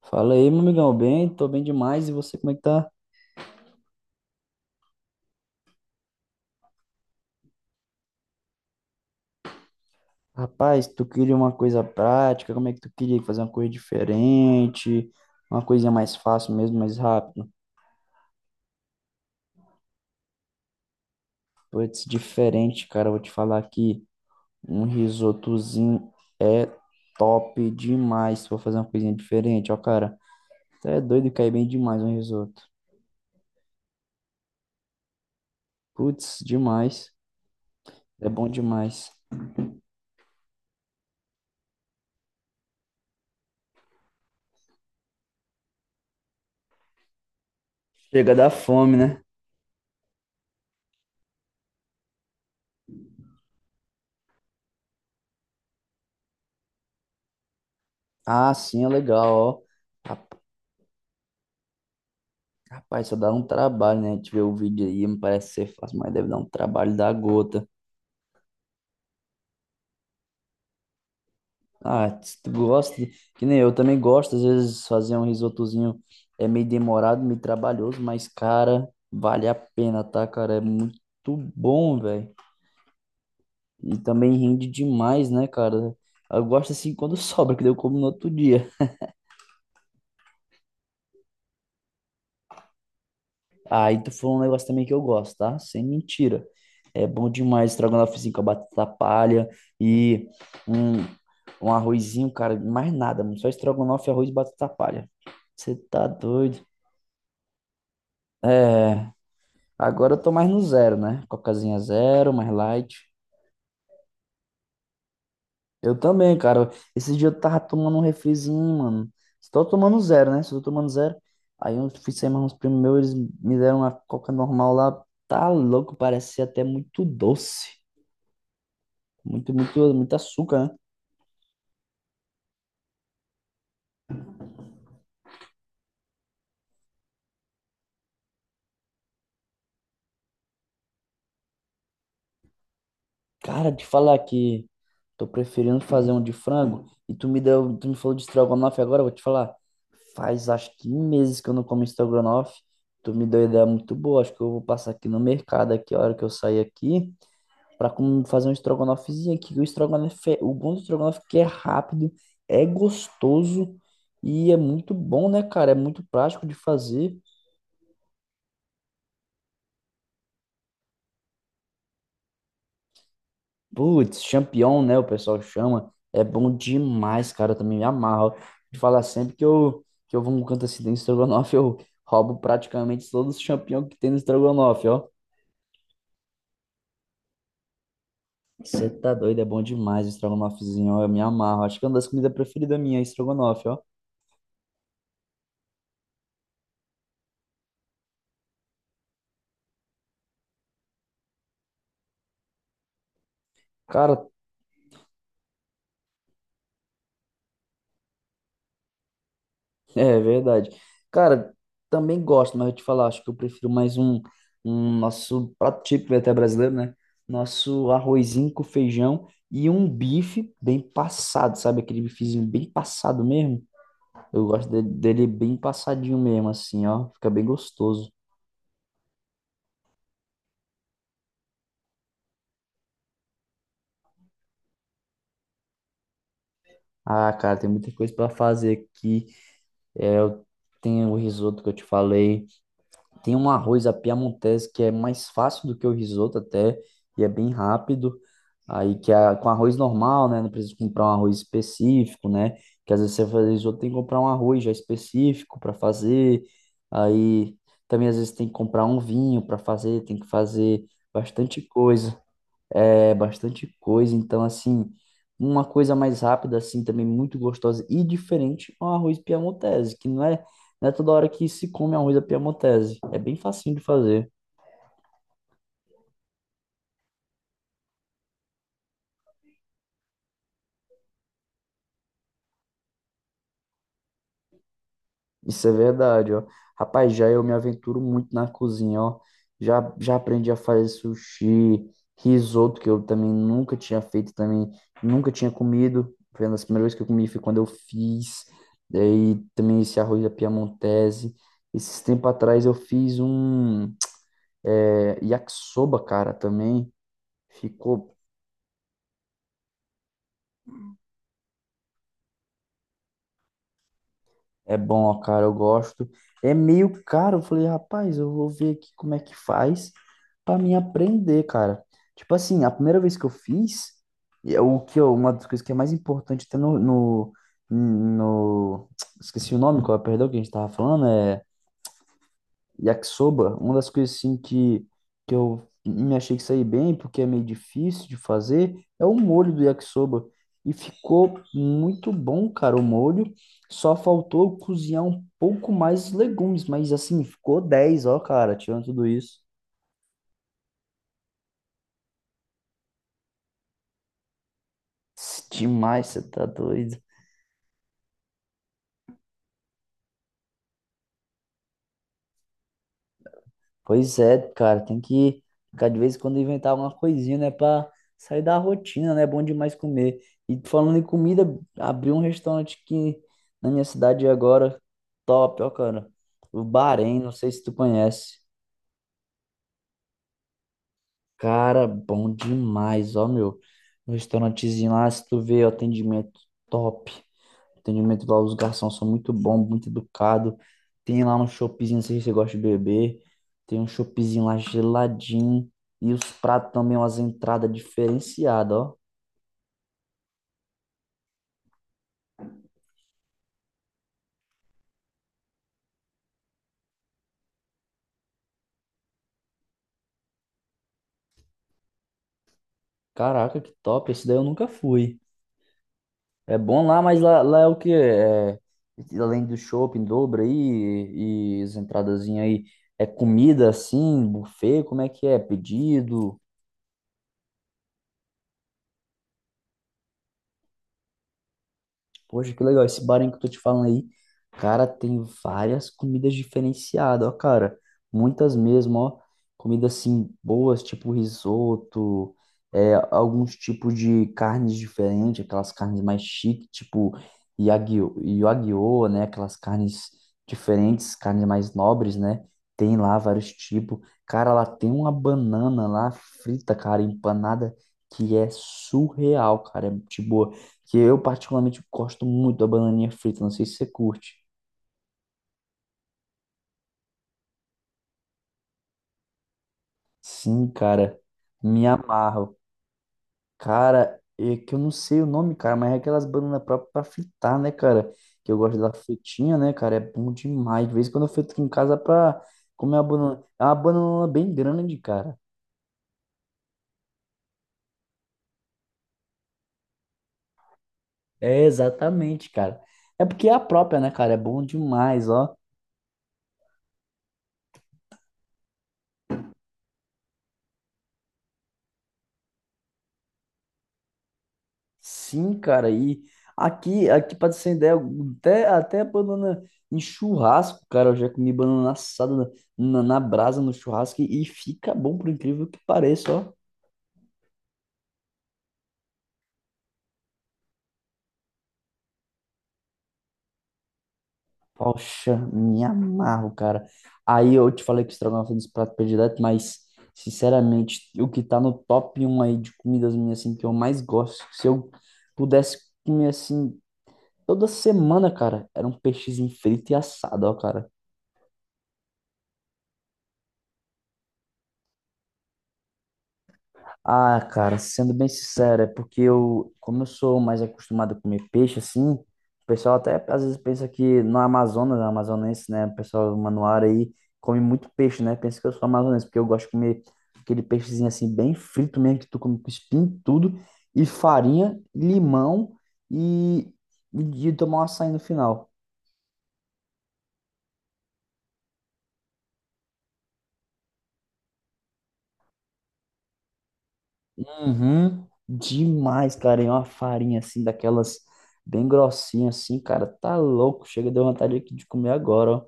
Fala aí, meu amigão, bem? Tô bem demais. E você, como é que tá? Rapaz, tu queria uma coisa prática? Como é que tu queria fazer uma coisa diferente? Uma coisinha mais fácil mesmo, mais rápido? Putz, diferente, cara, eu vou te falar aqui. Um risotozinho é top demais. Se for fazer uma coisinha diferente, ó, cara. Tá é doido, cai bem demais um risoto. Putz, demais. É bom demais. Chega da fome, né? Ah, sim, é legal, ó. Vai só dá um trabalho, né? A gente vê o vídeo aí, não parece ser fácil, mas deve dar um trabalho da gota. Ah, se tu gosta, que nem eu também gosto, às vezes fazer um risotozinho é meio demorado, meio trabalhoso, mas, cara, vale a pena, tá, cara? É muito bom, velho. E também rende demais, né, cara? Eu gosto assim quando sobra, que daí eu como no outro dia. Aí tu falou um negócio também que eu gosto, tá? Sem mentira. É bom demais estrogonofezinho com a batata palha e um, um arrozinho, cara, mais nada, mano. Só estrogonofe, arroz e batata palha. Você tá doido? É, agora eu tô mais no zero, né? Cocazinha zero, mais light. Eu também, cara. Esse dia eu tava tomando um refrizinho, mano. Estou tomando zero, né? Estou tomando zero. Aí eu fui sair mais uns primos meus, eles me deram uma coca normal lá. Tá louco, parecia até muito doce. Muito, muito, muito açúcar, né? Cara, te falar que tô preferindo fazer um de frango e tu me falou de estrogonofe agora, eu vou te falar. Faz acho que um meses que eu não como estrogonofe. Tu me deu ideia muito boa, acho que eu vou passar aqui no mercado aqui, a hora que eu sair aqui, fazer um estrogonofezinho aqui. Que O estrogonofe, o bom do estrogonofe é que é rápido, é gostoso e é muito bom, né, cara? É muito prático de fazer. Putz, Champion, né? O pessoal chama. É bom demais, cara. Eu também me amarro. De falar sempre que eu vou num canto assim do estrogonofe, eu roubo praticamente todos os champignons que tem no estrogonofe, ó. Você tá doido, é bom demais o estrogonofezinho, ó. Eu me amarro. Acho que é uma das comidas preferidas minha, estrogonofe, ó. Cara, é verdade. Cara, também gosto, mas eu te falar, acho que eu prefiro mais um nosso prato típico até brasileiro, né? Nosso arrozinho com feijão e um bife bem passado, sabe? Aquele bifezinho bem passado mesmo. Eu gosto dele bem passadinho mesmo, assim, ó. Fica bem gostoso. Ah, cara, tem muita coisa pra fazer aqui. Tem o risoto que eu te falei. Tem um arroz à piamontese que é mais fácil do que o risoto até e é bem rápido. Aí que a, com arroz normal, né? Não precisa comprar um arroz específico, né? Que às vezes você faz risoto, tem que comprar um arroz já específico para fazer. Aí também às vezes tem que comprar um vinho para fazer, tem que fazer bastante coisa. É, bastante coisa. Então, assim, uma coisa mais rápida, assim, também muito gostosa e diferente é um arroz piamontese, que não é, não é toda hora que se come arroz à piamontese. É bem facinho de fazer. Isso é verdade, ó. Rapaz, já eu me aventuro muito na cozinha, ó. Já aprendi a fazer sushi, risoto, que eu também nunca tinha feito, também nunca tinha comido. Foi uma das primeiras vezes que eu comi, foi quando eu fiz. Daí também esse arroz da Piamontese. Esses tempos atrás eu fiz yakisoba, cara, também. Ficou É bom, ó, cara, eu gosto. É meio caro. Eu falei, rapaz, eu vou ver aqui como é que faz pra mim aprender, cara. Tipo assim, a primeira vez que eu fiz, e é o uma das coisas que é mais importante até no- esqueci o nome, qual é, perdão, que a gente tava falando, é Yakisoba, uma das coisas assim que eu me achei que saí bem, porque é meio difícil de fazer, é o molho do yakisoba. E ficou muito bom, cara, o molho. Só faltou cozinhar um pouco mais os legumes, mas assim, ficou 10, ó, cara, tirando tudo isso. Demais, você tá doido. Pois é, cara, tem que ficar de vez em quando inventar alguma coisinha, né, pra sair da rotina, né? É bom demais comer. E falando em comida, abri um restaurante aqui na minha cidade agora, top, ó, cara. O Bahrein, não sei se tu conhece. Cara, bom demais, ó, meu. Um restaurantezinho lá, se tu vê, o atendimento top. O atendimento lá, os garçons são muito bons, muito educados. Tem lá um choppzinho, não sei se você gosta de beber. Tem um choppzinho lá geladinho. E os pratos também, umas entradas diferenciadas, ó. Caraca, que top. Esse daí eu nunca fui. É bom lá, mas lá, lá é o quê? É, além do shopping em dobro aí e as entradazinhas aí, é comida assim, buffet, como é que é? Pedido? Poxa, que legal. Esse bar aí que eu tô te falando aí, cara, tem várias comidas diferenciadas, ó, cara. Muitas mesmo, ó. Comidas assim boas, tipo risoto, é, alguns tipos de carnes diferentes, aquelas carnes mais chiques, tipo Yagyu, Wagyu, né? Aquelas carnes diferentes, carnes mais nobres, né? Tem lá vários tipos. Cara, lá tem uma banana lá frita, cara, empanada, que é surreal, cara. É tipo. Que eu particularmente gosto muito da bananinha frita, não sei se você curte. Sim, cara, me amarro. Cara, é que eu não sei o nome, cara, mas é aquelas bananas próprias pra fritar, né, cara? Que eu gosto da fritinha, né, cara? É bom demais. De vez em quando eu frito aqui em casa pra comer uma banana. É uma banana bem grande, cara. É, exatamente, cara. É porque é a própria, né, cara? É bom demais, ó. Sim, cara, e aqui para ter ideia, até banana em churrasco, cara, eu já comi banana assada brasa, no churrasco, e, fica bom, por incrível que pareça, ó. Poxa, me amarro, cara. Aí eu te falei que estrogonofe é um dos pratos prediletos, mas, sinceramente, o que tá no top um aí de comidas minhas, assim, que eu mais gosto, se eu pudesse comer, assim, toda semana, cara, era um peixezinho frito e assado, ó, cara. Ah, cara, sendo bem sincero, é porque eu, como eu sou mais acostumado a comer peixe, assim, o pessoal até às vezes pensa que no Amazonas, no amazonense, né, o pessoal manuara aí come muito peixe, né, pensa que eu sou amazonense, porque eu gosto de comer aquele peixezinho assim, bem frito mesmo, que tu come com espinho e tudo, e farinha, limão e, e de tomar um açaí no final. Uhum, demais, cara, e uma farinha assim, daquelas bem grossinha assim, cara, tá louco, chega, deu vontade aqui de comer agora, ó.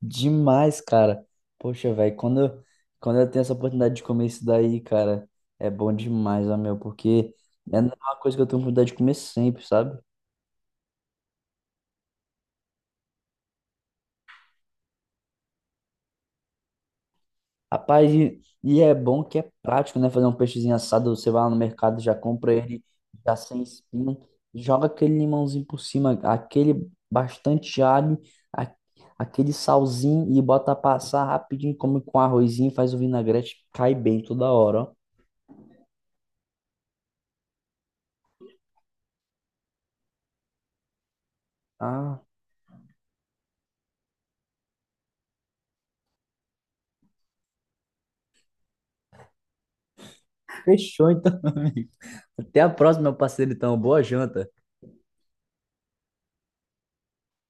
Demais, cara. Poxa, velho, quando eu tenho essa oportunidade de comer isso daí, cara, é bom demais, ó, meu, porque é uma coisa que eu tenho oportunidade de comer sempre, sabe? Rapaz, e é bom que é prático, né? Fazer um peixezinho assado, você vai lá no mercado, já compra ele, já sem espinho, joga aquele limãozinho por cima, aquele bastante alho, a- aquele salzinho e bota passar rapidinho, come com arrozinho, faz o vinagrete, cai bem toda hora, ó. Ah, fechou então. Amigo. Até a próxima, meu parceiro. Então, boa janta.